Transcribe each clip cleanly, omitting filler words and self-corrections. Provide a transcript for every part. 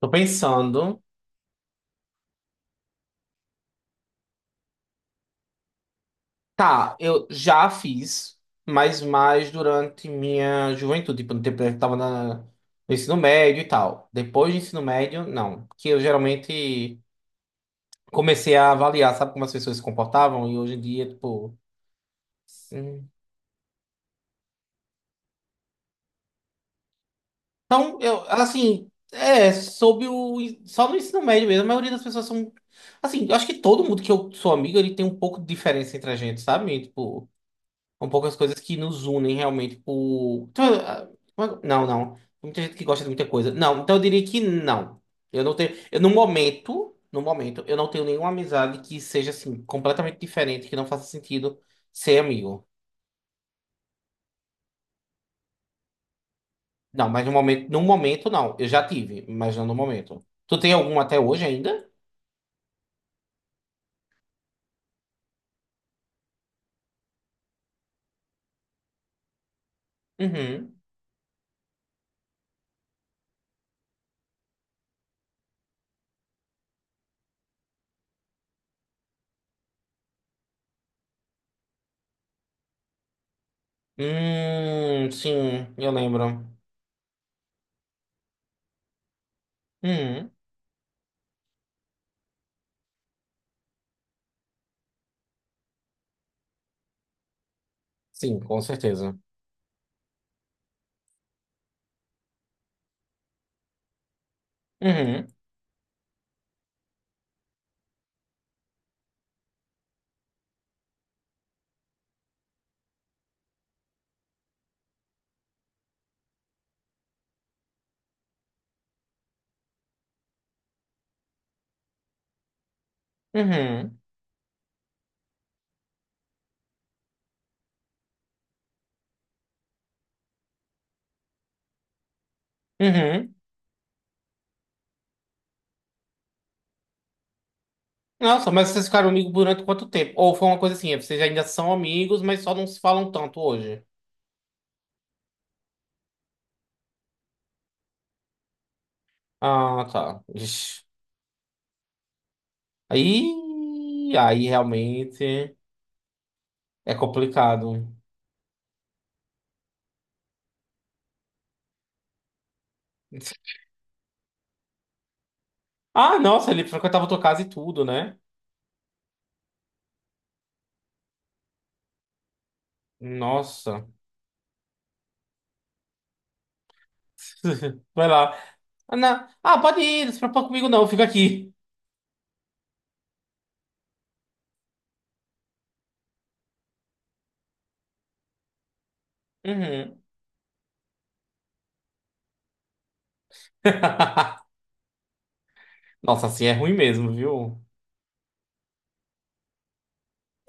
Tô pensando. Tá, eu já fiz, mas mais durante minha juventude, tipo, no tempo que eu tava no ensino médio e tal. Depois do ensino médio, não. Porque eu geralmente comecei a avaliar, sabe como as pessoas se comportavam? E hoje em dia, tipo. Sim. Então, eu, assim, é, sob o. Só no ensino médio mesmo, a maioria das pessoas são. Assim, eu acho que todo mundo que eu sou amigo, ele tem um pouco de diferença entre a gente, sabe? Tipo. São poucas coisas que nos unem realmente por. Então, não, não. Tem muita gente que gosta de muita coisa. Não, então eu diria que não. Eu não tenho. Eu, no momento, eu não tenho nenhuma amizade que seja assim, completamente diferente, que não faça sentido ser amigo. Não, mas no momento não. Eu já tive, mas não no momento. Tu tem algum até hoje ainda? Uhum. Sim, eu lembro. Uhum. Sim, com certeza. Uhum. Uhum. Uhum. Nossa, mas vocês ficaram amigos durante quanto tempo? Ou foi uma coisa assim, vocês ainda são amigos, mas só não se falam tanto hoje. Ah, tá. Ixi. Aí, realmente é complicado. Ah, nossa, ele frequentava tua casa e tudo, né? Nossa. Vai lá. Ah, não. Ah, pode ir, não se preocupa comigo não, eu fico aqui. Uhum. Nossa, assim é ruim mesmo, viu?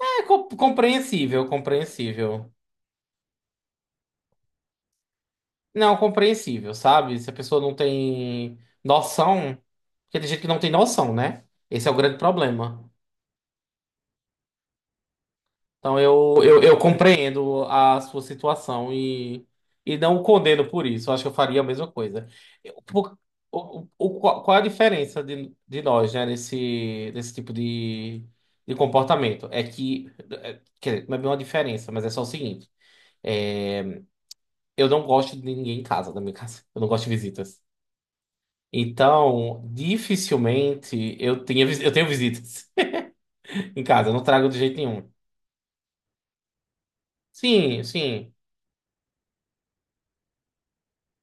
É compreensível, compreensível. Não, compreensível, sabe? Se a pessoa não tem noção, porque tem gente que não tem noção, né? Esse é o grande problema. Então eu compreendo a sua situação e não o condeno por isso. Eu acho que eu faria a mesma coisa. Eu- por- qual é a diferença de nós, né, nesse tipo de comportamento? É que, é, quer dizer, não é bem uma diferença, mas é só o seguinte: é, eu não gosto de ninguém em casa, da minha casa. Eu não gosto de visitas. Então, dificilmente eu tenho visitas em casa, eu não trago de jeito nenhum. Sim, sim.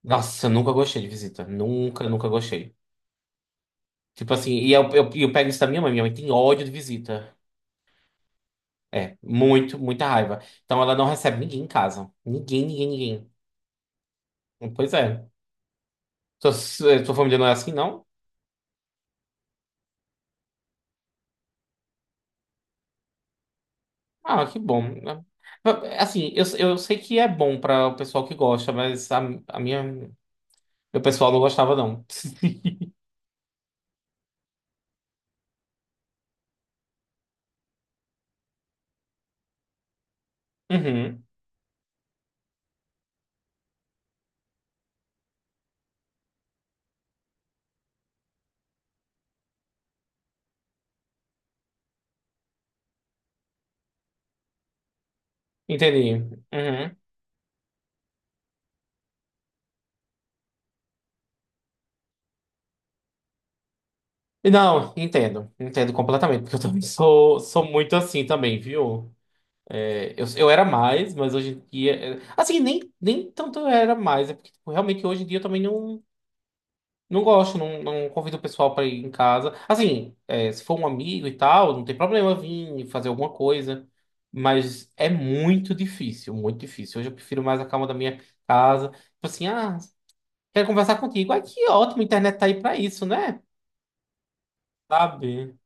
Nossa, eu nunca gostei de visita. Nunca, nunca gostei. Tipo assim, e eu pego isso da minha mãe. Minha mãe tem ódio de visita. É, muito, muita raiva. Então ela não recebe ninguém em casa. Ninguém, ninguém, ninguém. Pois é. Sua família não é assim, não? Ah, que bom. Assim, eu sei que é bom para o pessoal que gosta, mas a minha, meu pessoal não gostava, não. Uhum. Entendi. Uhum. E não, entendo. Entendo completamente, porque eu também sou muito assim também, viu? É, eu era mais, mas hoje em dia. Assim, nem tanto eu era mais, é porque tipo, realmente hoje em dia eu também não, não gosto, não, não convido o pessoal pra ir em casa. Assim, se for um amigo e tal, não tem problema vir fazer alguma coisa, mas é muito difícil, muito difícil. Hoje eu prefiro mais a calma da minha casa. Tipo assim, quero conversar contigo. Ai, que ótimo, a internet tá aí pra isso, né? Sabe?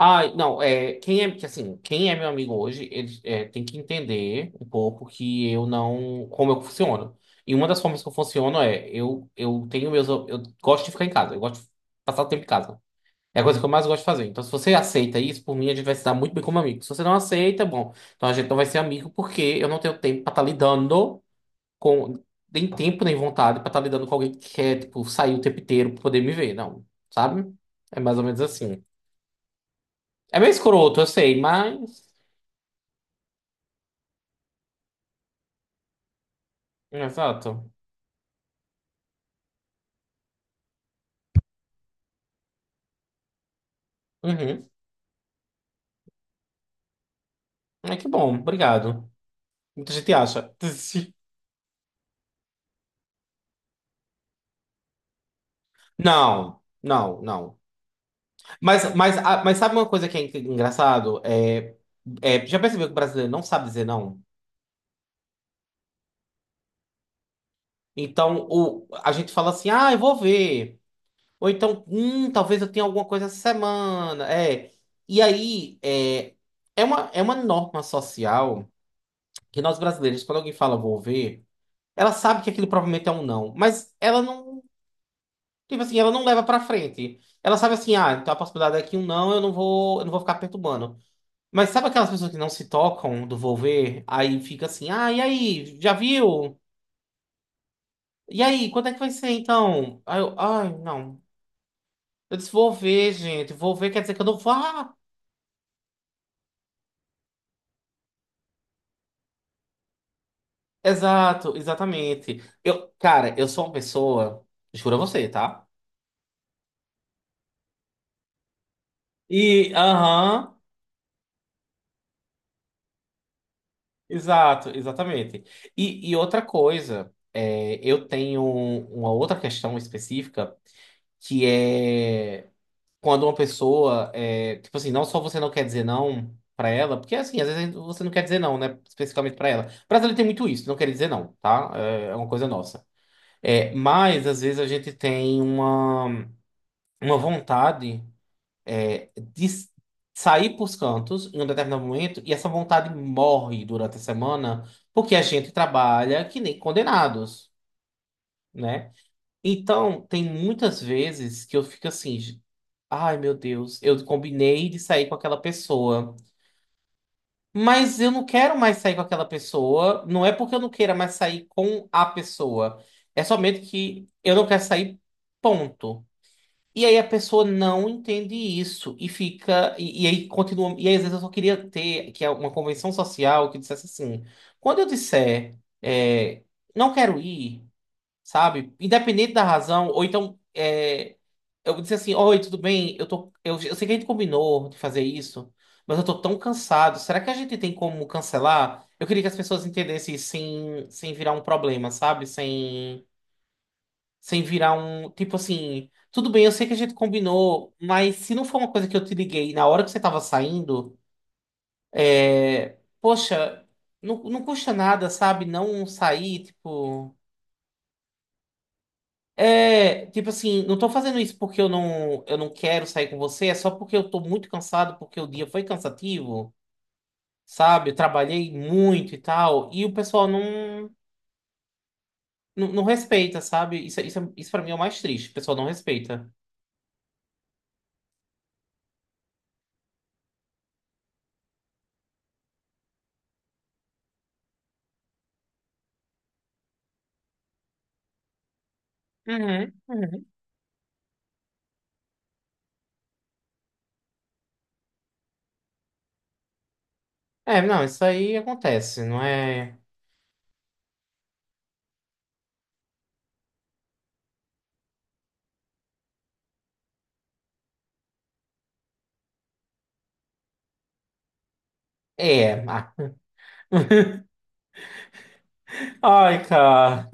Ah, não, é, quem é, que, assim, quem é meu amigo hoje, ele é, tem que entender um pouco que eu não, como eu funciono. E uma das formas que eu funciono é, eu tenho meus, eu gosto de ficar em casa, eu gosto de passar o tempo em casa. É a coisa que eu mais gosto de fazer. Então, se você aceita isso, por mim, a gente vai se dar muito bem como amigo. Se você não aceita, bom, então a gente não vai ser amigo porque eu não tenho tempo pra estar lidando com, nem tempo, nem vontade pra estar lidando com alguém que quer, tipo, sair o tempo inteiro pra poder me ver, não, sabe? É mais ou menos assim. É meio escroto, eu sei, mas. Exato. Uhum. É que bom, obrigado. Muita gente acha. Não, não, não. Mas, sabe uma coisa que é engraçado? É, já percebeu que o brasileiro não sabe dizer não? Então, a gente fala assim, ah, eu vou ver. Ou então, talvez eu tenha alguma coisa essa semana. É. E aí, é uma norma social que nós brasileiros, quando alguém fala vou ver, ela sabe que aquilo provavelmente é um não, mas ela não. Tipo assim, ela não leva pra frente. Ela sabe assim, então a possibilidade é que um não, eu não vou ficar perturbando. Mas sabe aquelas pessoas que não se tocam do vou ver? Aí fica assim, e aí, já viu? E aí, quando é que vai ser então? Aí eu, ai, não. Eu disse, vou ver, gente, vou ver, quer dizer que eu não vou. Ah, exato, exatamente. Eu, cara, eu sou uma pessoa, juro a você, tá? E, aham, exato, exatamente. E, outra coisa, é, eu tenho uma outra questão específica que é quando uma pessoa é, tipo assim, não só você não quer dizer não pra ela, porque assim, às vezes você não quer dizer não, né, especificamente pra ela. Brasileiro tem muito isso, não quer dizer não, tá? É uma coisa nossa. É, mas às vezes a gente tem uma vontade de sair pros cantos em um determinado momento e essa vontade morre durante a semana porque a gente trabalha que nem condenados, né? Então, tem muitas vezes que eu fico assim. Ai, meu Deus, eu combinei de sair com aquela pessoa, mas eu não quero mais sair com aquela pessoa. Não é porque eu não queira mais sair com a pessoa, é somente que eu não quero sair, ponto. E aí a pessoa não entende isso e fica, e aí continua. E aí às vezes eu só queria ter que é uma convenção social que dissesse assim: quando eu disser, não quero ir, sabe, independente da razão, ou então. Eh, eu disse assim, oi, tudo bem? Eu sei que a gente combinou de fazer isso, mas eu tô tão cansado. Será que a gente tem como cancelar? Eu queria que as pessoas entendessem isso sem virar um problema, sabe? Sem virar um, tipo assim, tudo bem, eu sei que a gente combinou, mas se não for uma coisa que eu te liguei na hora que você tava saindo, poxa, não, não custa nada, sabe? Não sair, tipo. É, tipo assim, não tô fazendo isso porque eu não quero sair com você, é só porque eu tô muito cansado, porque o dia foi cansativo, sabe? Eu trabalhei muito e tal, e o pessoal não respeita, sabe? Isso pra mim é o mais triste, o pessoal não respeita. Uhum, uhum. É, não, isso aí acontece, não é? É, ah. Ai, cara.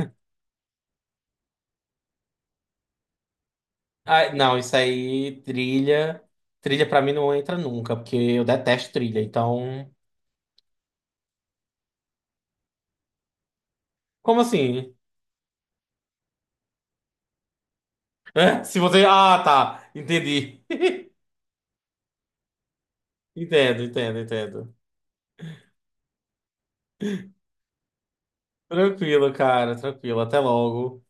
Ai, não, isso aí, trilha. Trilha pra mim não entra nunca, porque eu detesto trilha, então. Como assim? É? Se você. Ah, tá. Entendi. Entendo, entendo, entendo. Tranquilo, cara, tranquilo. Até logo.